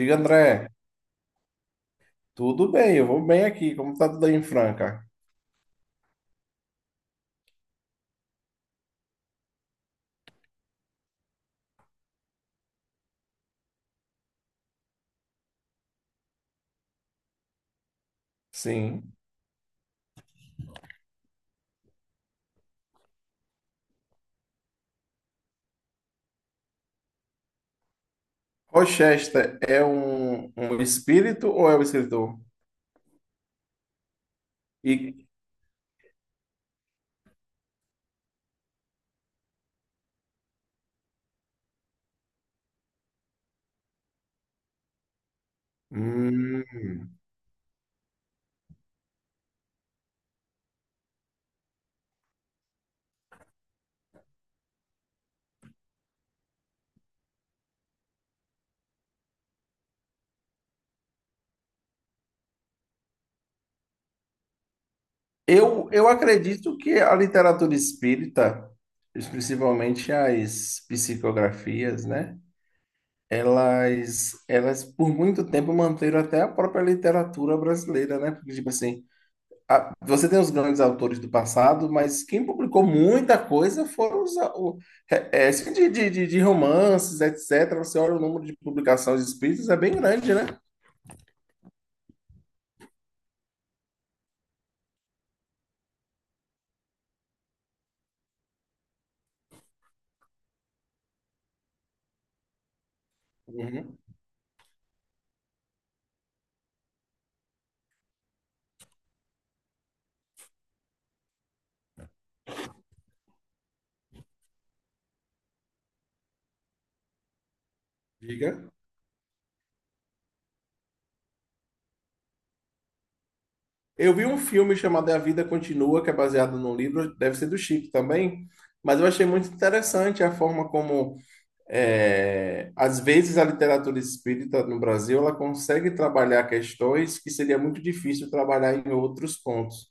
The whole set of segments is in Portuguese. Diga, André, tudo bem? Eu vou bem aqui. Como tá tudo aí em Franca? Sim. Rochester é um espírito ou é um escritor? E, hum, eu acredito que a literatura espírita, principalmente as psicografias, né? Elas por muito tempo manteram até a própria literatura brasileira, né? Porque, tipo assim, você tem os grandes autores do passado, mas quem publicou muita coisa foram os, assim, de romances, etc., Você olha o número de publicações espíritas, é bem grande, né? Uhum. Diga. Eu vi um filme chamado A Vida Continua, que é baseado num livro, deve ser do Chico também, mas eu achei muito interessante a forma como, às vezes, a literatura espírita no Brasil, ela consegue trabalhar questões que seria muito difícil trabalhar em outros pontos.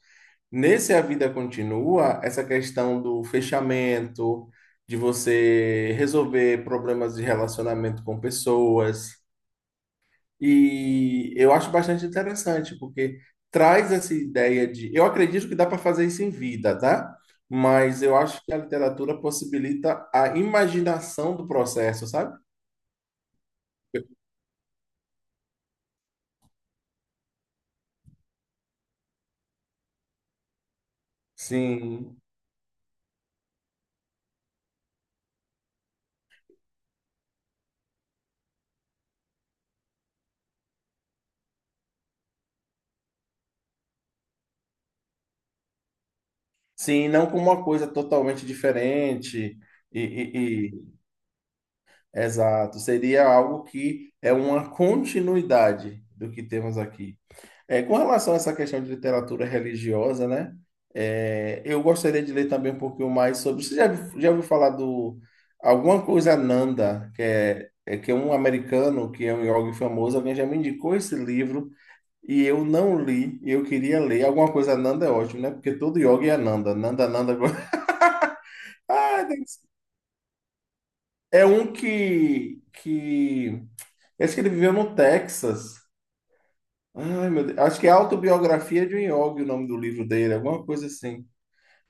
Nesse A Vida Continua, essa questão do fechamento, de você resolver problemas de relacionamento com pessoas. E eu acho bastante interessante, porque traz essa ideia de. Eu acredito que dá para fazer isso em vida, tá? Mas eu acho que a literatura possibilita a imaginação do processo, sabe? Sim, sim, não como uma coisa totalmente diferente. E, e, Exato, seria algo que é uma continuidade do que temos aqui. É, com relação a essa questão de literatura religiosa, né? Eu gostaria de ler também um pouquinho mais sobre. Você já ouviu falar do alguma coisa Nanda, que é, que é um americano que é um yogi famoso, alguém já me indicou esse livro e eu não li, e eu queria ler. Alguma coisa Nanda é ótimo, né? Porque todo yogi é Nanda, Nanda, Nanda. Ah, é um que eu acho que ele viveu no Texas. Ai, meu Deus. Acho que é Autobiografia de um Yogi, o nome do livro dele, alguma coisa assim.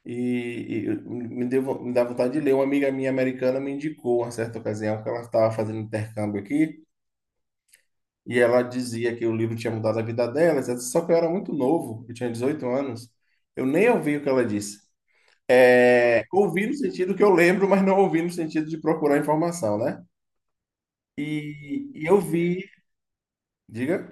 E me dá vontade de ler. Uma amiga minha americana me indicou, uma certa ocasião, que ela estava fazendo intercâmbio aqui, e ela dizia que o livro tinha mudado a vida dela, etc., só que eu era muito novo, eu tinha 18 anos. Eu nem ouvi o que ela disse. Ouvi no sentido que eu lembro, mas não ouvi no sentido de procurar informação, né? E eu vi. Diga.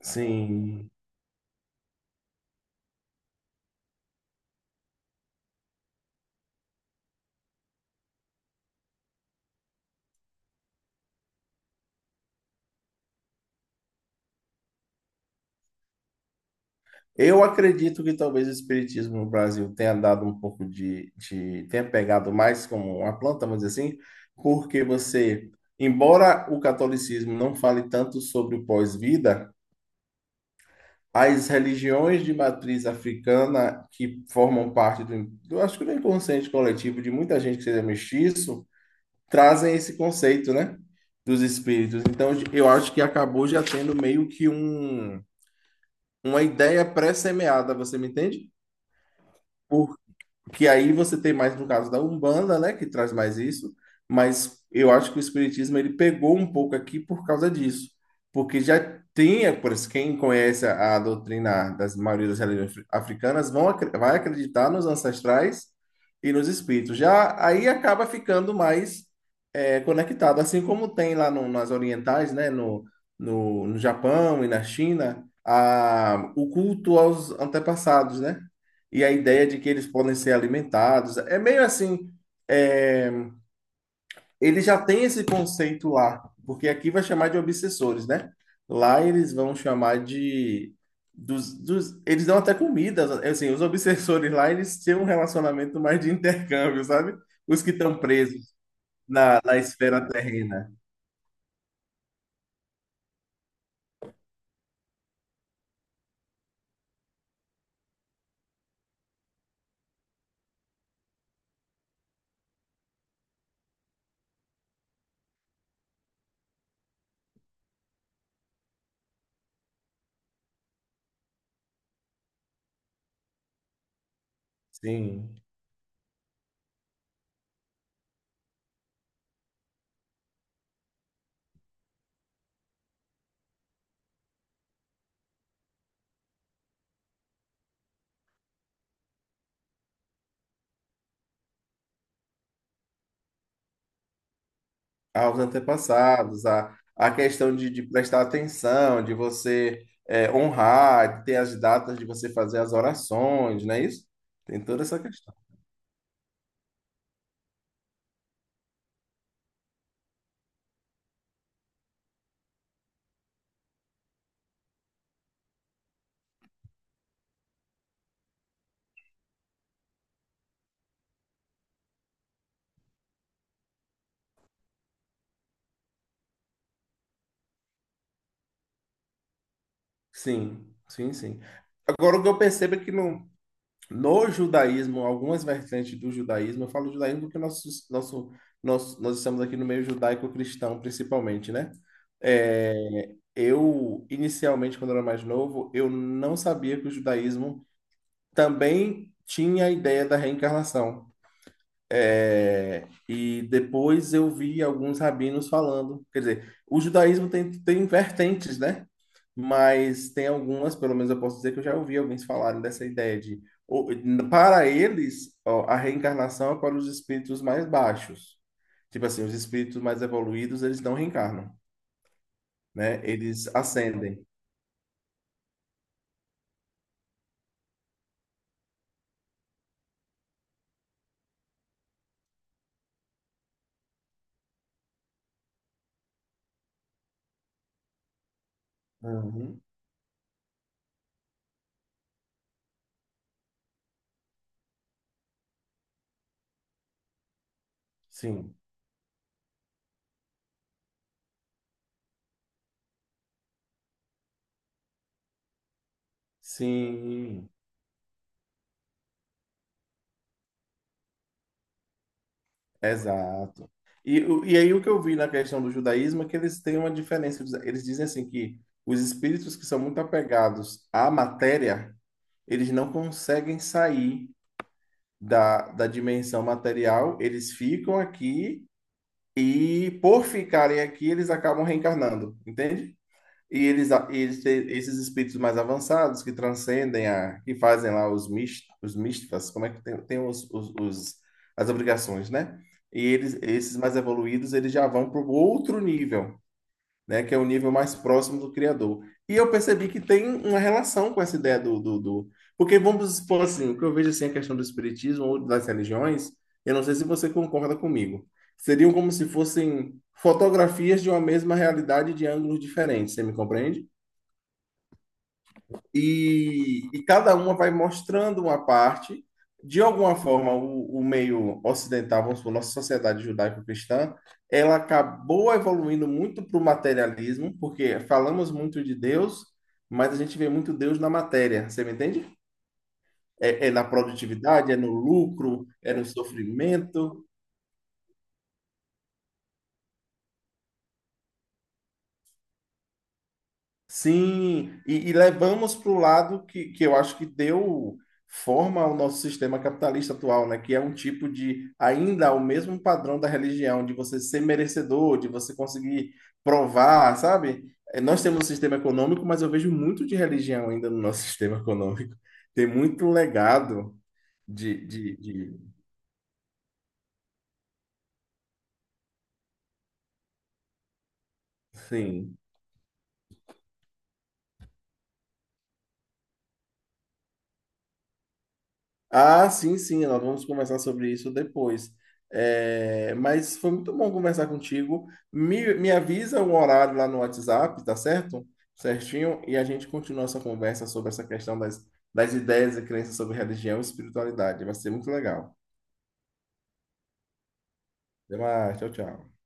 Sim. Eu acredito que talvez o espiritismo no Brasil tenha dado um pouco tenha pegado mais como uma planta, vamos dizer assim, porque você, embora o catolicismo não fale tanto sobre o pós-vida, as religiões de matriz africana que formam parte do, eu acho que do inconsciente coletivo de muita gente que seja mestiço, trazem esse conceito, né, dos espíritos. Então, eu acho que acabou já tendo meio que uma ideia pré-semeada, você me entende? Que aí você tem mais no caso da Umbanda, né, que traz mais isso, mas eu acho que o espiritismo ele pegou um pouco aqui por causa disso, porque já tinha, por isso, quem conhece a doutrina das maioria das religiões africanas vai acreditar nos ancestrais e nos espíritos. Já aí acaba ficando mais conectado, assim como tem lá nas orientais, né, no Japão e na China, a, o culto aos antepassados, né? E a ideia de que eles podem ser alimentados. É meio assim, é, ele já tem esse conceito lá, porque aqui vai chamar de obsessores, né? Lá eles vão chamar de eles dão até comida, assim, os obsessores lá, eles têm um relacionamento mais de intercâmbio, sabe? Os que estão presos na esfera terrena. Sim. Aos antepassados, a questão de prestar atenção, de você honrar, de ter as datas de você fazer as orações, não é isso? Tem toda essa questão. Sim, sim, sim. Agora, o que eu percebo é que no judaísmo, algumas vertentes do judaísmo, eu falo judaísmo porque nós estamos aqui no meio judaico-cristão, principalmente, né? É, eu, inicialmente, quando eu era mais novo, eu não sabia que o judaísmo também tinha a ideia da reencarnação. E depois eu vi alguns rabinos falando, quer dizer, o judaísmo tem vertentes, né? Mas tem algumas, pelo menos eu posso dizer que eu já ouvi alguns falarem dessa ideia de, o- para eles, ó, a reencarnação é para os espíritos mais baixos. Tipo assim, os espíritos mais evoluídos, eles não reencarnam, né? Eles acendem. Uhum. Sim, sim, exato. E aí o que eu vi na questão do judaísmo é que eles têm uma diferença. Eles dizem assim que os espíritos que são muito apegados à matéria, eles não conseguem sair da dimensão material, eles ficam aqui e, por ficarem aqui, eles acabam reencarnando, entende? E eles esses espíritos mais avançados que transcendem que fazem lá os os como é que tem as obrigações, né? E eles, esses mais evoluídos, eles já vão para o outro nível, né, que é o nível mais próximo do criador. E eu percebi que tem uma relação com essa ideia porque vamos supor assim, o que eu vejo assim, a questão do espiritismo ou das religiões, eu não sei se você concorda comigo, seriam como se fossem fotografias de uma mesma realidade de ângulos diferentes, você me compreende? E, e cada uma vai mostrando uma parte. De alguma forma, o meio ocidental, vamos supor, nossa sociedade judaico-cristã, ela acabou evoluindo muito para o materialismo, porque falamos muito de Deus, mas a gente vê muito Deus na matéria, você me entende? É na produtividade, é no lucro, é no sofrimento. Sim, e levamos para o lado que eu acho que deu forma ao nosso sistema capitalista atual, né? Que é um tipo de, ainda o mesmo padrão da religião, de você ser merecedor, de você conseguir provar, sabe? Nós temos um sistema econômico, mas eu vejo muito de religião ainda no nosso sistema econômico. Tem muito legado de, de, de... Sim. Ah, sim, sim, nós vamos conversar sobre isso depois. É, mas foi muito bom conversar contigo. Me avisa o horário lá no WhatsApp, tá certo? Certinho, e a gente continua essa conversa sobre essa questão das ideias e crenças sobre religião e espiritualidade. Vai ser muito legal. Até mais, tchau, tchau.